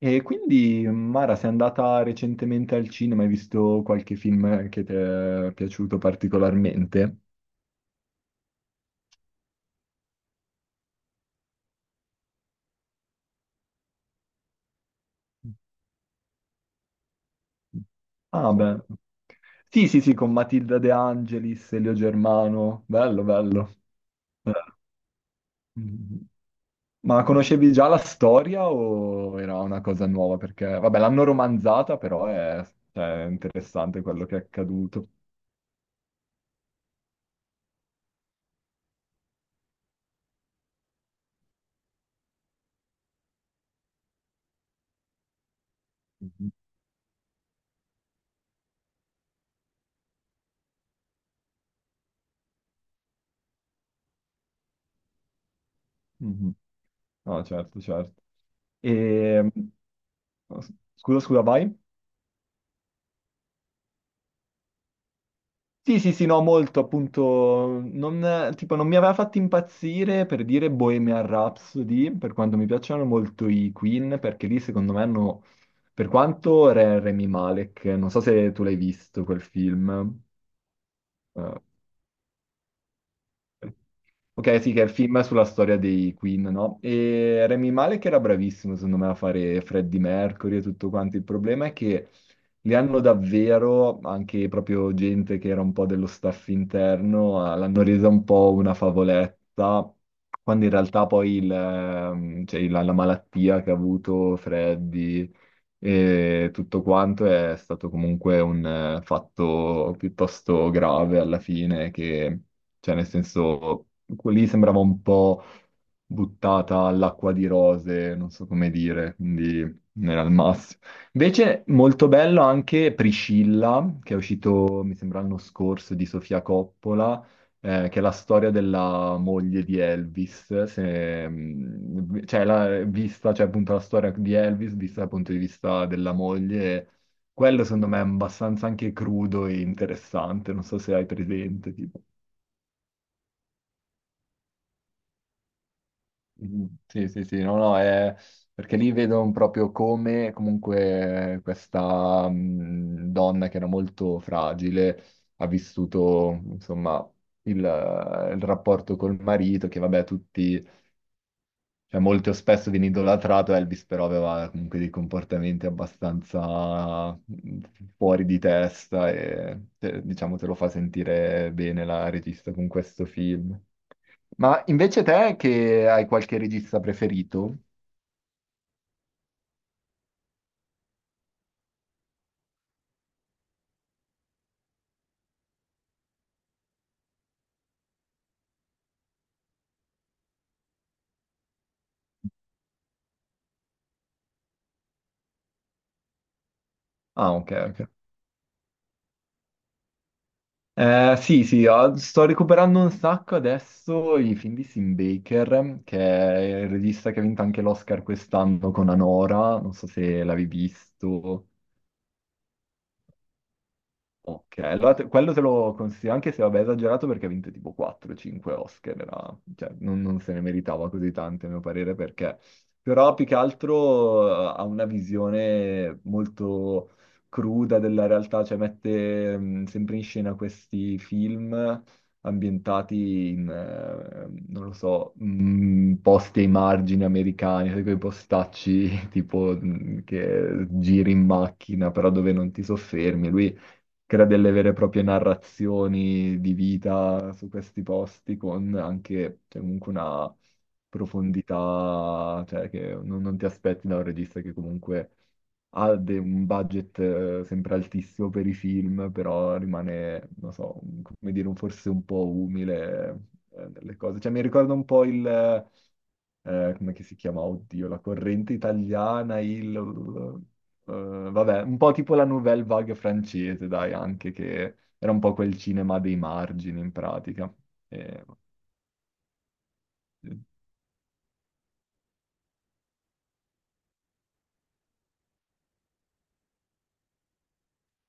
E quindi, Mara, sei andata recentemente al cinema, hai visto qualche film che ti è piaciuto particolarmente? Ah, beh. Sì, sì, sì, con Matilda De Angelis, Elio Germano. Bello, bello. Eh, mm. Ma conoscevi già la storia o era una cosa nuova? Perché, vabbè, l'hanno romanzata, però è interessante quello che è accaduto. Mhm. Mhm. No, certo, certo. E... Scusa, scusa, vai. Sì, sì, sì, no, molto, appunto, non, tipo, non mi aveva fatto impazzire per dire Bohemian Rhapsody, per quanto mi piacciono molto i Queen, perché lì secondo me hanno, per quanto Rami Malek, non so se tu l'hai visto quel film. eh, Ok, sì, che è il film sulla storia dei Queen, no? E Rami Malek era bravissimo, secondo me, a fare Freddie Mercury e tutto quanto. Il problema è che li hanno davvero, anche proprio gente che era un po' dello staff interno, l'hanno resa un po' una favoletta, quando in realtà poi la malattia che ha avuto Freddie e tutto quanto è stato comunque un fatto piuttosto grave alla fine, che cioè, nel senso, lì sembrava un po' buttata all'acqua di rose, non so come dire, quindi non era il massimo. Invece, molto bello anche Priscilla, che è uscito, mi sembra, l'anno scorso di Sofia Coppola, che è la storia della moglie di Elvis, cioè, appunto, la storia di Elvis vista dal punto di vista della moglie. Quello secondo me è abbastanza anche crudo e interessante, non so se hai presente, tipo. Mm, sì, sì, sì, no, no, è perché lì vedo proprio come comunque questa donna che era molto fragile ha vissuto, insomma, il rapporto col marito, che vabbè, tutti, molto spesso viene idolatrato, Elvis però aveva comunque dei comportamenti abbastanza fuori di testa e diciamo te lo fa sentire bene la regista con questo film. Ma invece te che hai qualche regista preferito? Ah, ok, ok. Sì, sì, sto recuperando un sacco adesso i film di Sim Baker, che è il regista che ha vinto anche l'Oscar quest'anno con Anora, non so se l'avevi visto. Ok, allora quello te lo consiglio, anche se vabbè è esagerato perché ha vinto tipo 4-5 Oscar, non se ne meritava così tante a mio parere perché, però più che altro ha una visione molto cruda della realtà, cioè mette sempre in scena questi film ambientati in, non lo so, posti ai margini americani, sai, quei postacci tipo che giri in macchina però dove non ti soffermi. Lui crea delle vere e proprie narrazioni di vita su questi posti con anche, cioè, comunque una profondità, cioè, che non ti aspetti da un regista che comunque ha un budget sempre altissimo per i film, però rimane, non so, come dire, forse un po' umile nelle cose. Cioè, mi ricorda un po' il come che si chiama? Oddio, la corrente italiana, il... eh, vabbè, un po' tipo la Nouvelle Vague francese, dai, anche che era un po' quel cinema dei margini in pratica. E-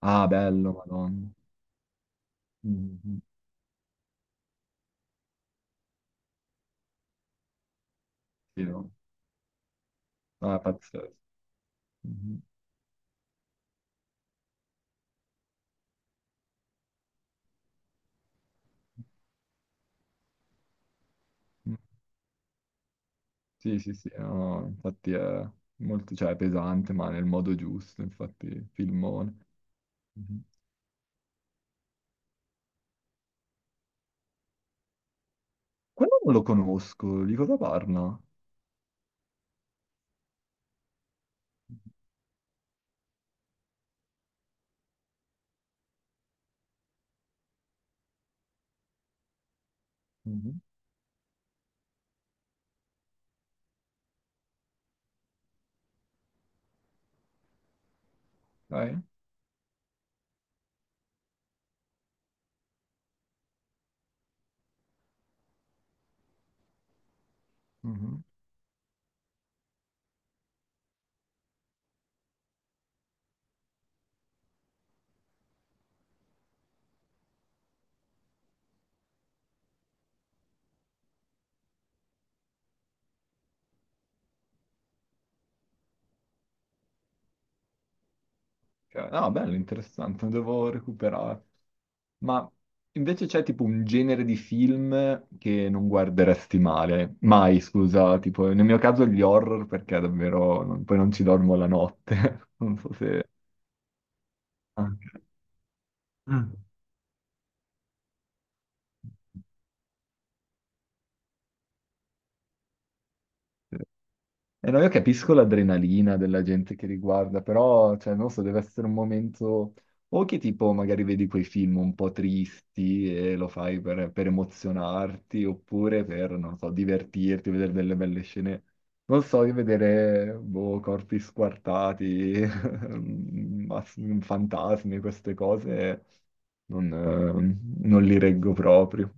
Ah, bello, Madonna. Mhm. Sì, no. Ah, è pazzesco. Mhm. Sì, sì, sì, no, infatti è molto, cioè, è pesante, ma nel modo giusto, infatti, filmone. Mhm. Quello non lo conosco, di cosa parla? Mhm. Dai. Mhm. Ok, no, bello, interessante, lo devo recuperare. Ma invece c'è tipo un genere di film che non guarderesti male, mai, scusa, tipo nel mio caso gli horror perché davvero poi non ci dormo la notte. Non so se... Ah, ok. Mm. E no, io capisco l'adrenalina della gente che riguarda, però, cioè, non so, deve essere un momento... O che tipo magari vedi quei film un po' tristi e lo fai per emozionarti, oppure per, non so, divertirti, vedere delle belle scene. Non so, di vedere, boh, corpi squartati, mass- fantasmi, queste cose, non li reggo proprio.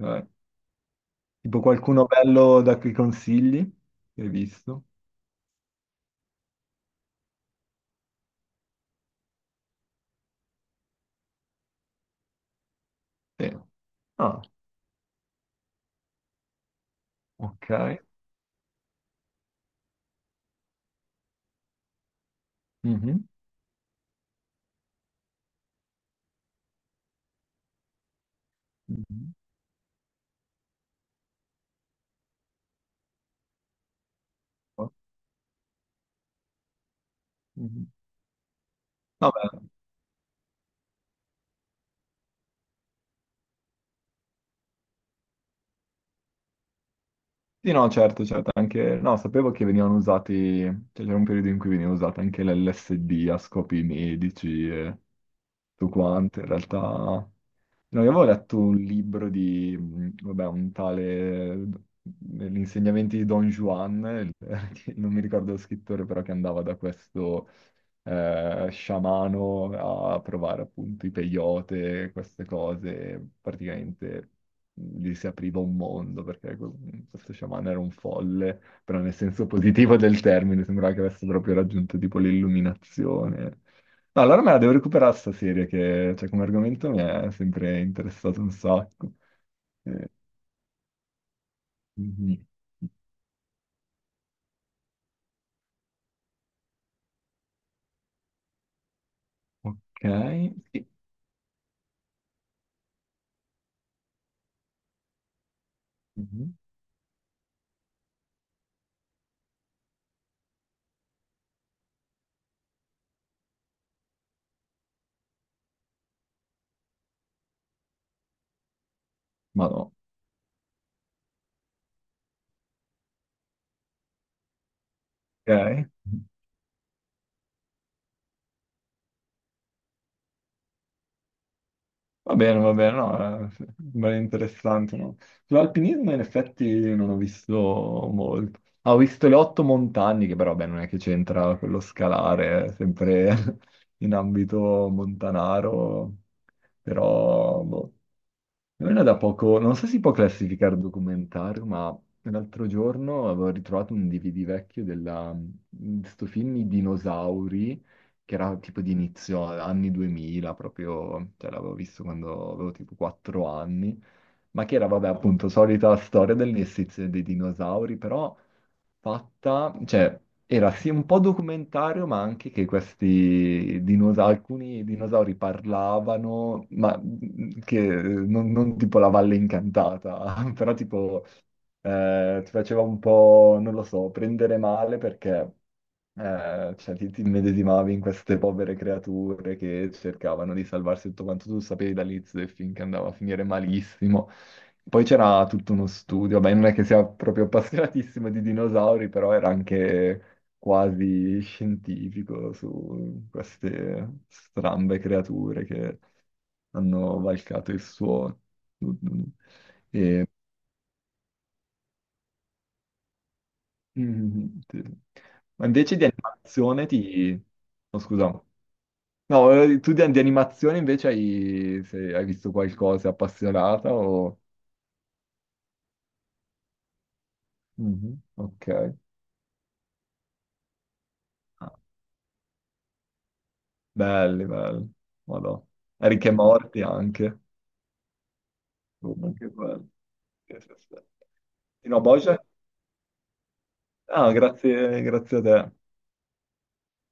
Eh, Tipo qualcuno bello da cui consigli? Che hai visto? Sì. Ah, ok. Mhm. Mhm. Oh, mhm. No, beh, sì, no, certo, certo. Anche, no, sapevo che venivano usati, cioè c'era un periodo in cui veniva usata anche l'LSD a scopi medici e tutto quanto. In realtà, no, io avevo letto un libro di, vabbè, un tale, gli insegnamenti di Don Juan, che non mi ricordo lo scrittore, però che andava da questo sciamano a provare appunto i peyote, queste cose, praticamente gli si apriva un mondo perché questo sciamano era un folle, però nel senso positivo del termine, sembrava che avesse proprio raggiunto tipo l'illuminazione. No, allora me la devo recuperare sta serie che cioè, come argomento mi è sempre interessato un sacco. Eh, mhm. Ok. Sì. Mhm. Ma no. Ok. Va bene, no, sembra interessante, no? Sull'alpinismo in effetti non ho visto molto. Ah, ho visto Le otto montagne, che però, beh, non è che c'entra quello scalare, è sempre in ambito montanaro, però, boh. Ora da poco, non so se si può classificare documentario, ma l'altro giorno avevo ritrovato un DVD vecchio di sto film I dinosauri, che era tipo di inizio anni 2000, proprio, cioè l'avevo visto quando avevo tipo 4 anni, ma che era, vabbè, appunto, solita storia dell'esistenza dei dinosauri, però fatta, cioè era sì un po' documentario, ma anche che questi dinosauri, alcuni dinosauri parlavano, ma che non tipo La valle incantata, però tipo ti faceva un po', non lo so, prendere male perché cioè, ti immedesimavi in queste povere creature che cercavano di salvarsi, tutto quanto tu sapevi dall'inizio del film che andava a finire malissimo. Poi c'era tutto uno studio, beh, non è che sia proprio appassionatissimo di dinosauri, però era anche quasi scientifico su queste strambe creature che hanno valcato il suo... E... Mm, sì. Ma invece di animazione ti... Oh, scusa. No, tu di animazione invece hai, se hai visto qualcosa appassionata o... Mhm, ok. Ah, belli, belli. Madò. Rick e Morty anche. Oh, che bello. Sì, sì, sì. No, Bojack? Ah, grazie, grazie a te.